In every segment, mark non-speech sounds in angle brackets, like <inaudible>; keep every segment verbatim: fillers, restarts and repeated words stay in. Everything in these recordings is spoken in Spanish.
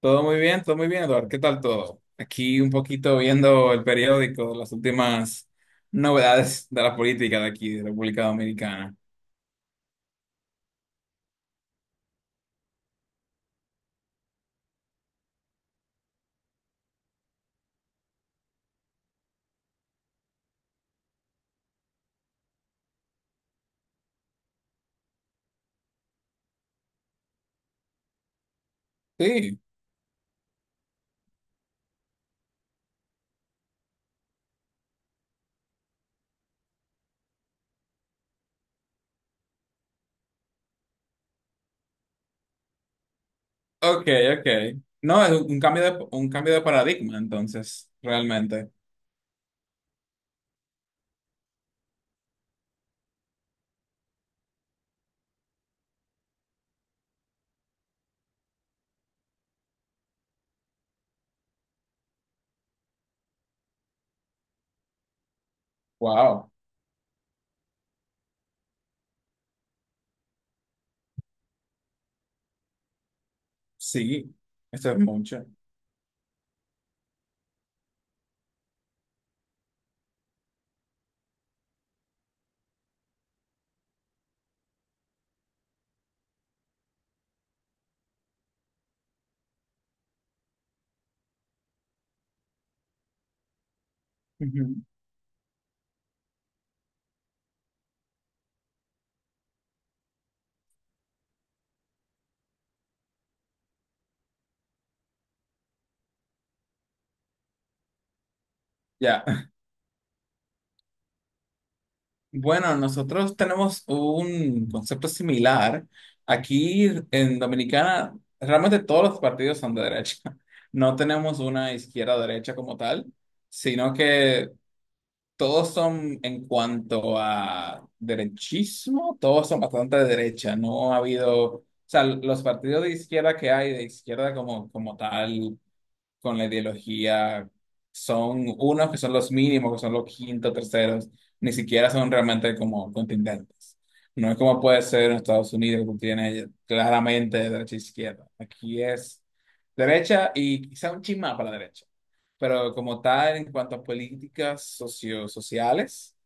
Todo muy bien, todo muy bien, Eduardo. ¿Qué tal todo? Aquí un poquito viendo el periódico, las últimas novedades de la política de aquí, de República Dominicana. Sí, ok, ok. No, es un cambio de, un cambio de paradigma, entonces, realmente. Wow, sí, eso es mucho. Ujú. Ya. <laughs> Bueno, nosotros tenemos un concepto similar. Aquí en Dominicana, realmente todos los partidos son de derecha. <laughs> No tenemos una izquierda o derecha como tal, sino que todos son en cuanto a derechismo, todos son bastante de derecha. No ha habido, o sea, los partidos de izquierda que hay, de izquierda como, como tal con la ideología son unos que son los mínimos, que son los quintos, terceros, ni siquiera son realmente como contendentes. No es como puede ser en Estados Unidos, que tiene claramente derecha e izquierda. Aquí es derecha y quizá un chin más para la derecha. Pero como tal, en cuanto a políticas socio sociales,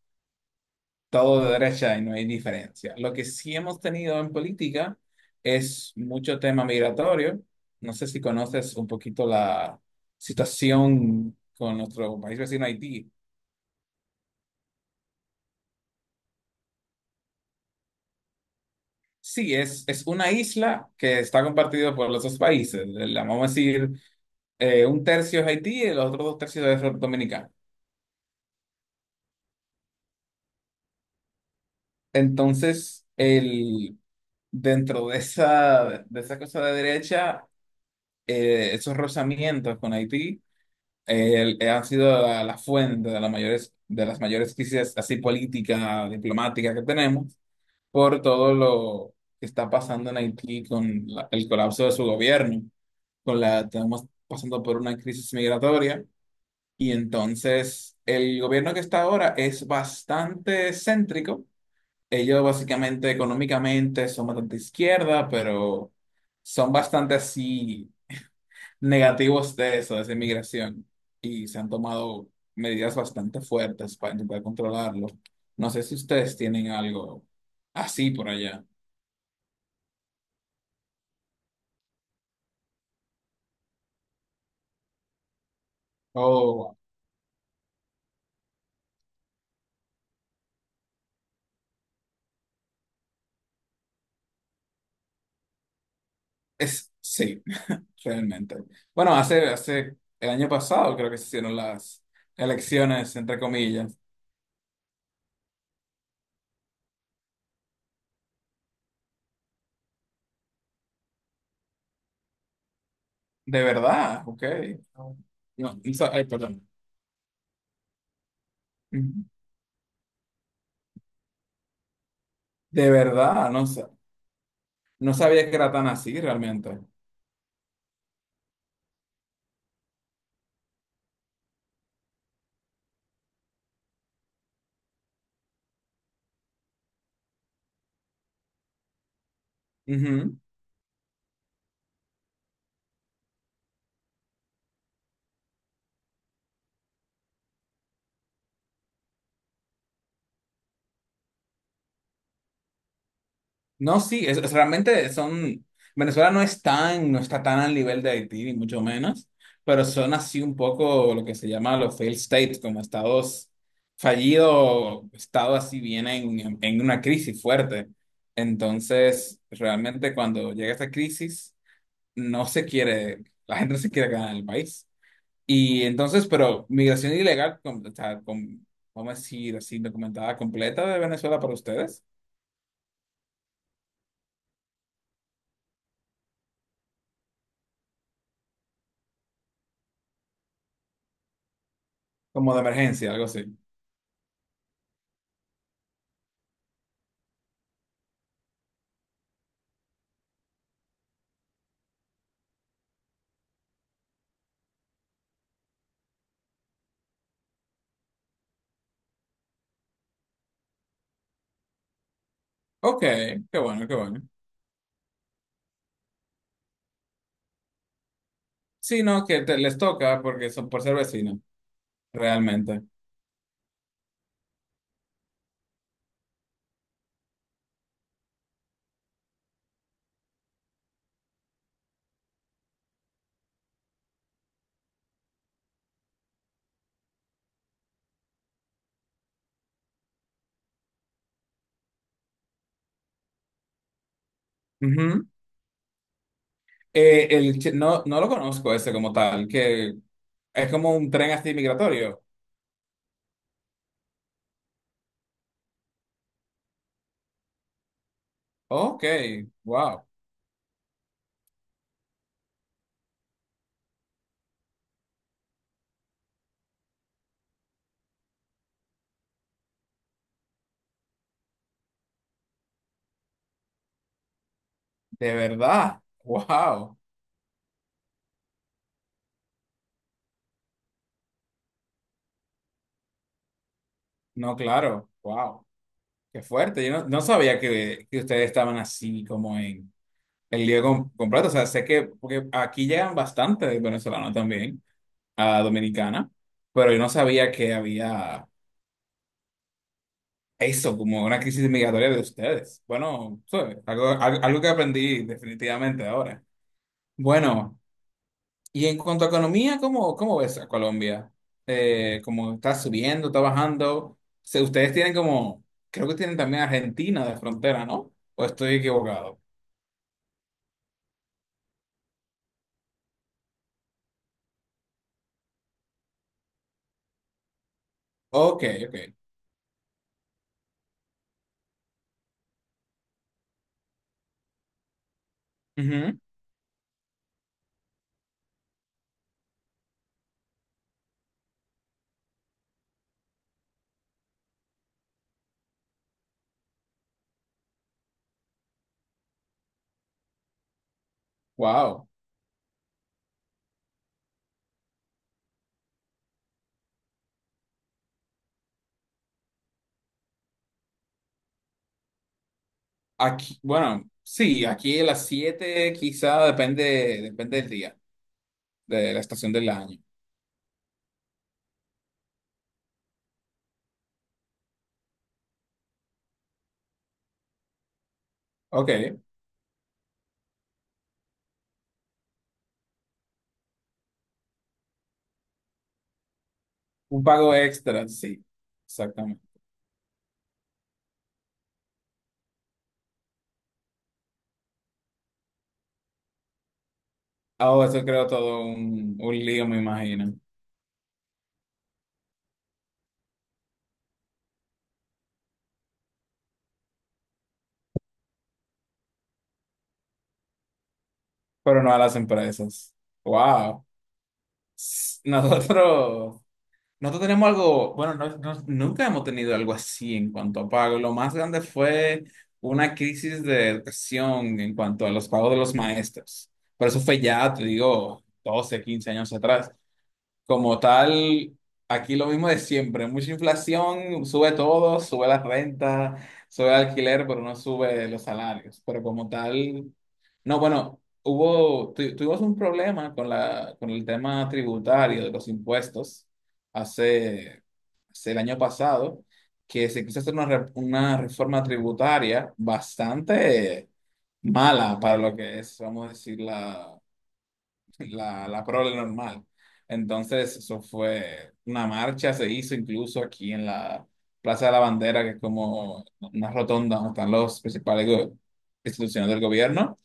todo de derecha y no hay diferencia. Lo que sí hemos tenido en política es mucho tema migratorio. No sé si conoces un poquito la situación con nuestro país vecino Haití. Sí, es, es una isla que está compartida por los dos países. La vamos a decir, eh, un tercio es Haití y los otros dos tercios es Dominicana. Entonces, el, dentro de esa, de esa cosa de derecha, eh, esos rozamientos con Haití el- eh, ha sido la, la fuente de las mayores, de las mayores crisis así política, diplomática que tenemos por todo lo que está pasando en Haití con la- el colapso de su gobierno, con la estamos pasando por una crisis migratoria y entonces el gobierno que está ahora es bastante céntrico. Ellos básicamente económicamente son bastante izquierda, pero son bastante así negativos de eso, de esa inmigración, y se han tomado medidas bastante fuertes para intentar controlarlo. No sé si ustedes tienen algo así por allá. O es, sí, realmente. Bueno, hace, hace el año pasado creo que se hicieron las elecciones, entre comillas. De verdad, ok. No, no sa- ay, perdón. Ujú. De verdad, no, sa- no sabía que era tan así realmente. No, sí, es, es- realmente son, Venezuela no es tan, no está tan al nivel de Haití, ni mucho menos, pero son así un poco lo que se llama los failed states, como estados fallidos, estados así vienen en, en una crisis fuerte. Entonces, realmente cuando llega esta crisis, no se quiere, la gente no se quiere quedar en el país. Y entonces, pero migración ilegal, con, o sea, con, vamos a decir así, documentada completa de Venezuela para ustedes, como de emergencia, algo así. Ok, qué bueno, qué bueno. Sí, no, que te- les toca porque son por ser vecinos, realmente. Ujú. Eh, el, chi- no, no lo conozco ese como tal, que es como un tren así migratorio. Ok, wow, de verdad, wow. No, claro, wow, qué fuerte. Yo no, no sabía que, que ustedes estaban así como en el lío com- completo. O sea, sé que porque aquí llegan bastantes venezolanos también a Dominicana, pero yo no sabía que había. Eso, como una crisis migratoria de ustedes. Bueno, ¿sabes? Algo, al- algo que aprendí definitivamente ahora. Bueno, y en cuanto a economía, ¿cómo, cómo ves a Colombia? Eh, ¿cómo está subiendo, está bajando? Se- ustedes tienen como, creo que tienen también Argentina de frontera, ¿no? ¿O estoy equivocado? Ok, ok. Wow. Aquí, bueno, sí, aquí a las siete quizá depende, depende del día, de la estación del año. Ok, un pago extra, sí, exactamente. Oh, eso creo todo un, un lío, me imagino. Pero no a las empresas. Wow. S- Nosotros, nosotros tenemos algo, bueno, no- no- nunca hemos tenido algo así en cuanto a pago. Lo más grande fue una crisis de educación en cuanto a los pagos de los maestros. Pero eso fue ya, te digo, doce, quince años atrás. Como tal, aquí lo mismo de siempre, mucha inflación, sube todo, sube la renta, sube el alquiler, pero no sube los salarios. Pero como tal, no, bueno, hubo, tu- tuvimos un problema con la, con el tema tributario de los impuestos hace, hace el año pasado, que se quiso hacer una, re- una reforma tributaria bastante mala para lo que es, vamos a decir, la, la prole normal. Entonces, eso fue una marcha, se hizo incluso aquí en la Plaza de la Bandera, que es como una rotonda donde están los principales go- instituciones del gobierno,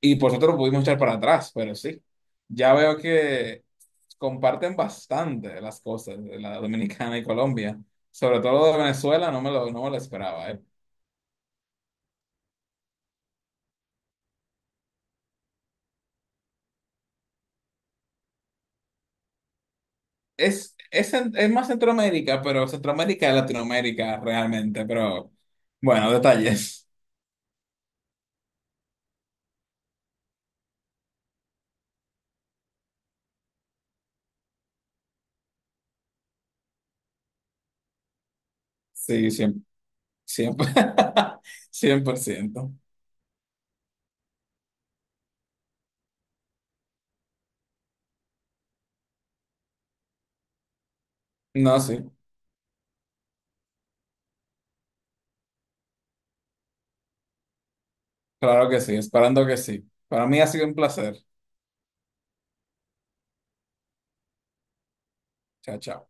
y por nosotros pudimos echar para atrás, pero sí, ya veo que comparten bastante las cosas de la Dominicana y Colombia, sobre todo de Venezuela, no me lo, no me lo esperaba, ¿eh? Es, es, en- es más Centroamérica, pero Centroamérica es Latinoamérica realmente, pero bueno, detalles. Sí, siempre, siempre, <laughs> cien por ciento. No, sí, claro que sí, esperando que sí. Para mí ha sido un placer. Chao, chao.